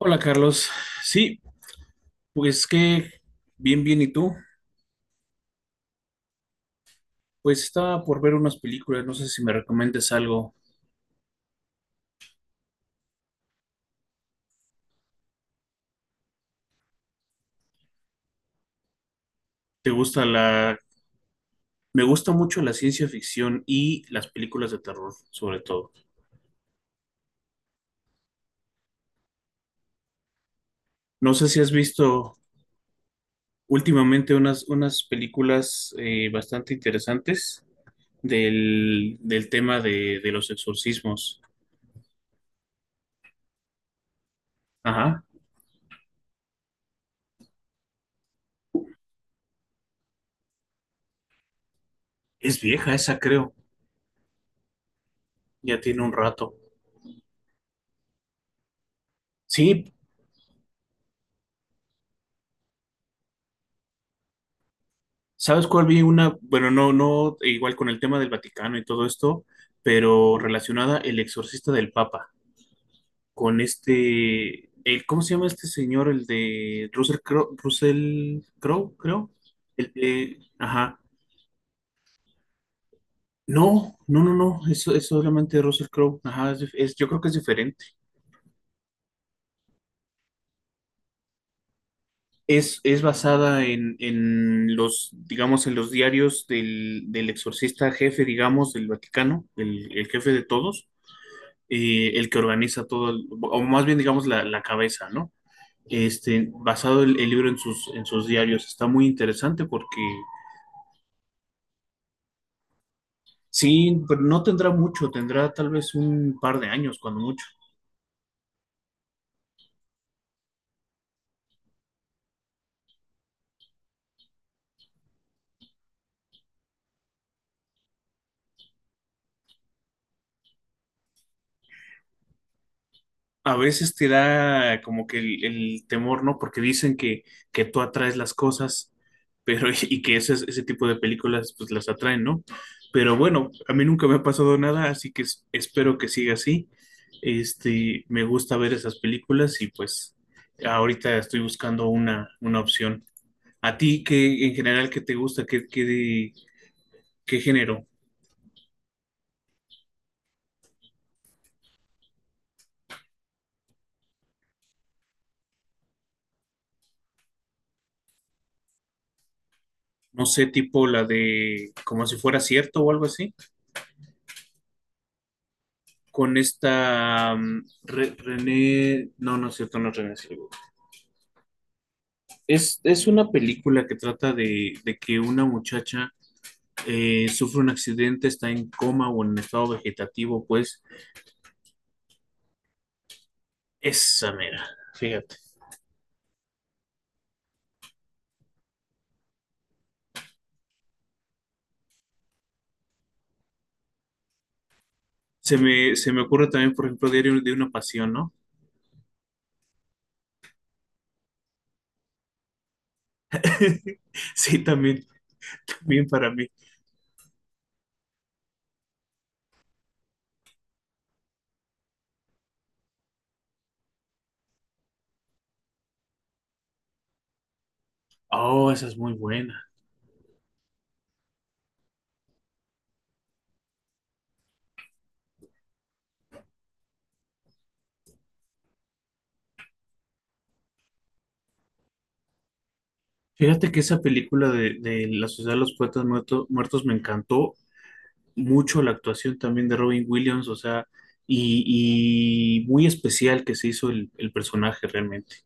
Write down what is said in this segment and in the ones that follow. Hola Carlos, sí, pues que bien, bien, ¿y tú? Pues estaba por ver unas películas, no sé si me recomiendas algo. ¿Te gusta la... Me gusta mucho la ciencia ficción y las películas de terror, sobre todo. No sé si has visto últimamente unas películas bastante interesantes del tema de los exorcismos. Ajá, es vieja esa, creo, ya tiene un rato. Sí, ¿sabes cuál vi una? Bueno, no, no, igual con el tema del Vaticano y todo esto, pero relacionada el exorcista del Papa, con este, el, ¿cómo se llama este señor? El de Russell Crowe, Russell Crowe, creo. El de, ajá. No, no, no, no, eso es solamente Russell Crowe, ajá, yo creo que es diferente. Es basada en los, digamos, en los diarios del exorcista jefe, digamos, del Vaticano, el jefe de todos el que organiza todo, o más bien digamos la cabeza, ¿no? Basado el libro en sus diarios, está muy interesante porque sí, pero no tendrá mucho, tendrá tal vez un par de años, cuando mucho. A veces te da como que el temor, ¿no? Porque dicen que tú atraes las cosas, pero y que ese tipo de películas pues las atraen, ¿no? Pero bueno, a mí nunca me ha pasado nada, así que espero que siga así. Me gusta ver esas películas y pues ahorita estoy buscando una opción. ¿A ti qué en general qué te gusta? ¿Qué género? No sé, tipo la de como si fuera cierto o algo así. Con esta René, no, no es cierto, no es René Zellweger. Es una película que trata de que una muchacha sufre un accidente, está en coma o en estado vegetativo, pues esa mera, fíjate. Se me ocurre también, por ejemplo, Diario de una Pasión, ¿no? Sí, también, también para mí. Oh, esa es muy buena. Fíjate que esa película de La Sociedad de los Poetas Muertos, me encantó mucho la actuación también de Robin Williams, o sea, y, y muy especial que se hizo el personaje realmente.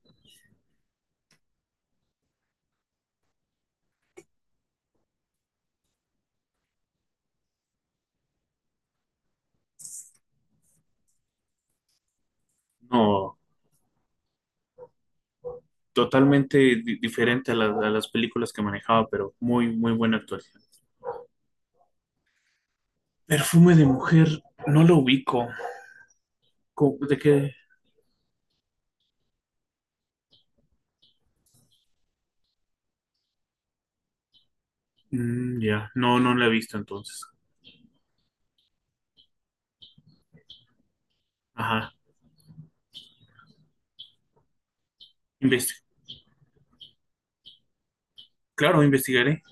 No, totalmente diferente a las películas que manejaba, pero muy, muy buena actuación. Perfume de mujer, no lo ubico. ¿De qué? Mm, ya, no, no la he visto entonces. Ajá, investi- claro, investigaré.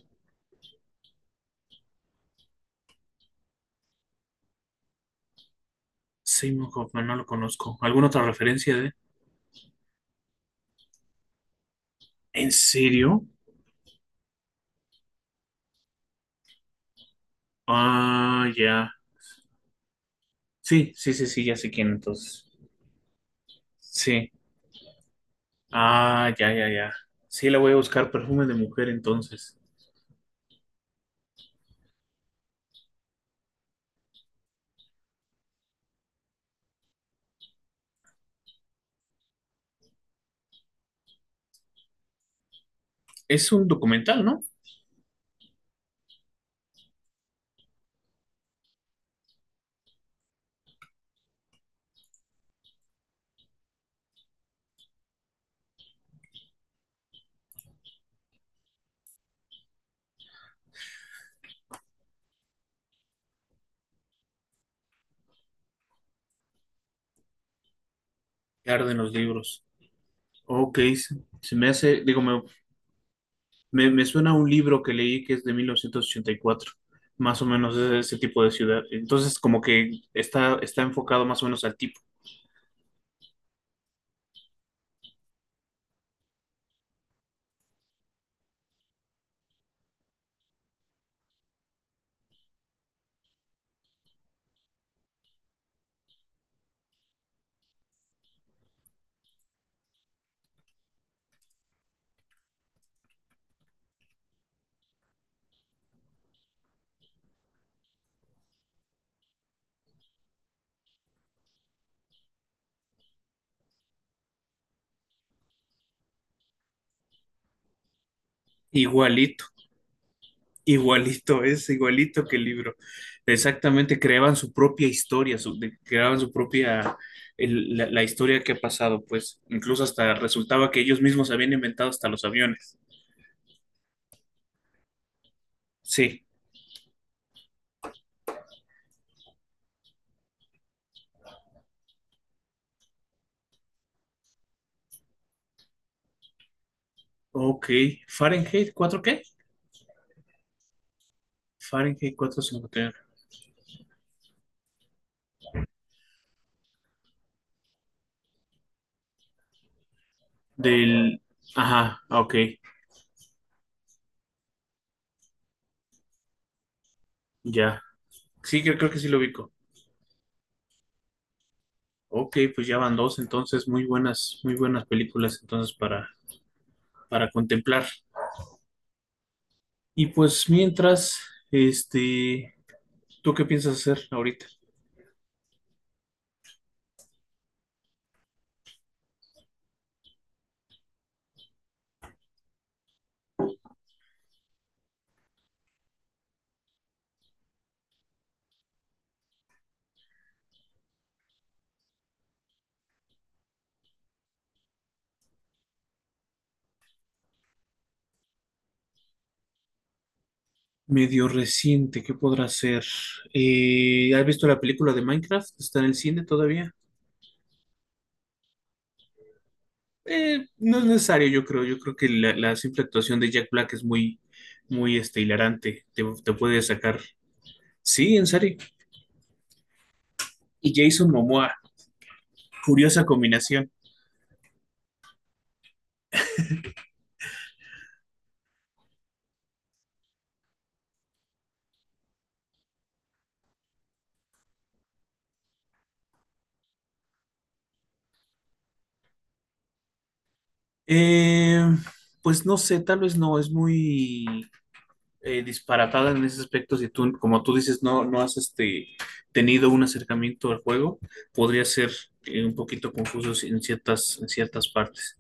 Seymour Hoffman, no lo conozco. ¿Alguna otra referencia de? ¿En serio? Ah, ya. Sí, sí, sí, sí, ya sé quién entonces. Sí. Ah, ya, ya, ya. Sí, la voy a buscar perfume de mujer entonces. Es un documental, ¿no? Claro, arden los libros. Ok, se me hace, digo, me suena a un libro que leí que es de 1984, más o menos es de ese tipo de ciudad. Entonces, como que está enfocado más o menos al tipo. Igualito, Igualito, es igualito que el libro. Exactamente, creaban su propia historia, creaban su propia, la historia que ha pasado, pues incluso hasta resultaba que ellos mismos habían inventado hasta los aviones. Sí, ok. Fahrenheit 4 ¿qué? Fahrenheit 451. Del... Ajá, ok, ya. Sí, creo que sí lo ubico. Ok, pues ya van dos, entonces muy buenas películas entonces para, contemplar. Y pues mientras, este... ¿Tú qué piensas hacer ahorita? Medio reciente, ¿qué podrá ser? ¿Has visto la película de Minecraft? ¿Está en el cine todavía? No es necesario, yo creo. Yo creo que la simple actuación de Jack Black es muy, muy hilarante. Te puede sacar. Sí, en serio. Y Jason Momoa, curiosa combinación. Eh, pues no sé, tal vez no, es muy disparatada en ese aspecto, si tú, como tú dices, no, no has tenido un acercamiento al juego, podría ser un poquito confuso en ciertas, partes.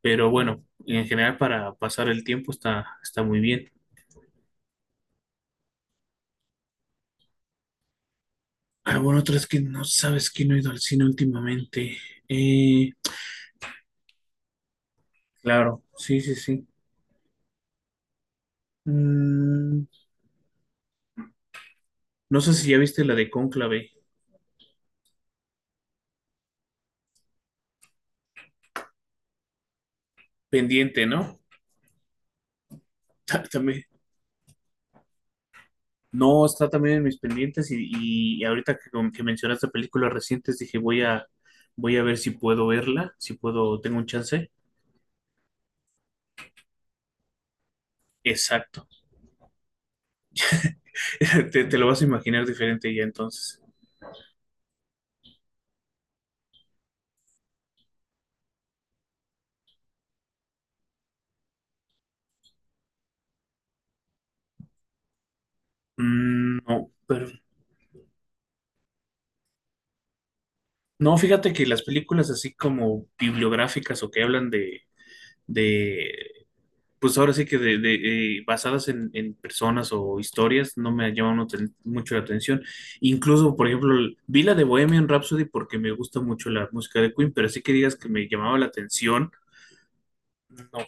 Pero bueno, en general para pasar el tiempo está muy bien. Ah, bueno, otra es que no sabes que no he ido al cine últimamente. Eh, claro, sí, sí, sí. Mm, no sé si ya viste la de Cónclave, pendiente, ¿no? También. No, está también en mis pendientes y ahorita que mencionaste películas recientes, dije, voy a ver si puedo verla, si puedo, tengo un chance. Exacto. Te lo vas a imaginar diferente ya entonces. No, pero no, fíjate que las películas así como bibliográficas o que hablan de pues ahora sí que de, basadas en personas o historias no me llaman mucho mucho la atención. Incluso, por ejemplo, vi la de Bohemian Rhapsody porque me gusta mucho la música de Queen, pero así que digas que me llamaba la atención, no,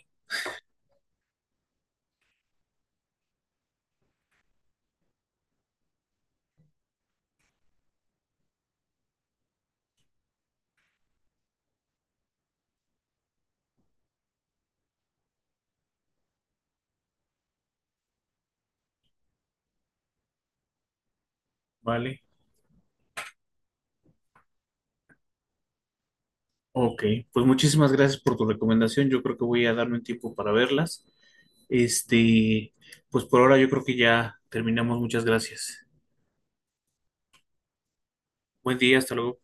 vale. Ok, pues muchísimas gracias por tu recomendación. Yo creo que voy a darme un tiempo para verlas. Este, pues por ahora yo creo que ya terminamos. Muchas gracias. Buen día, hasta luego.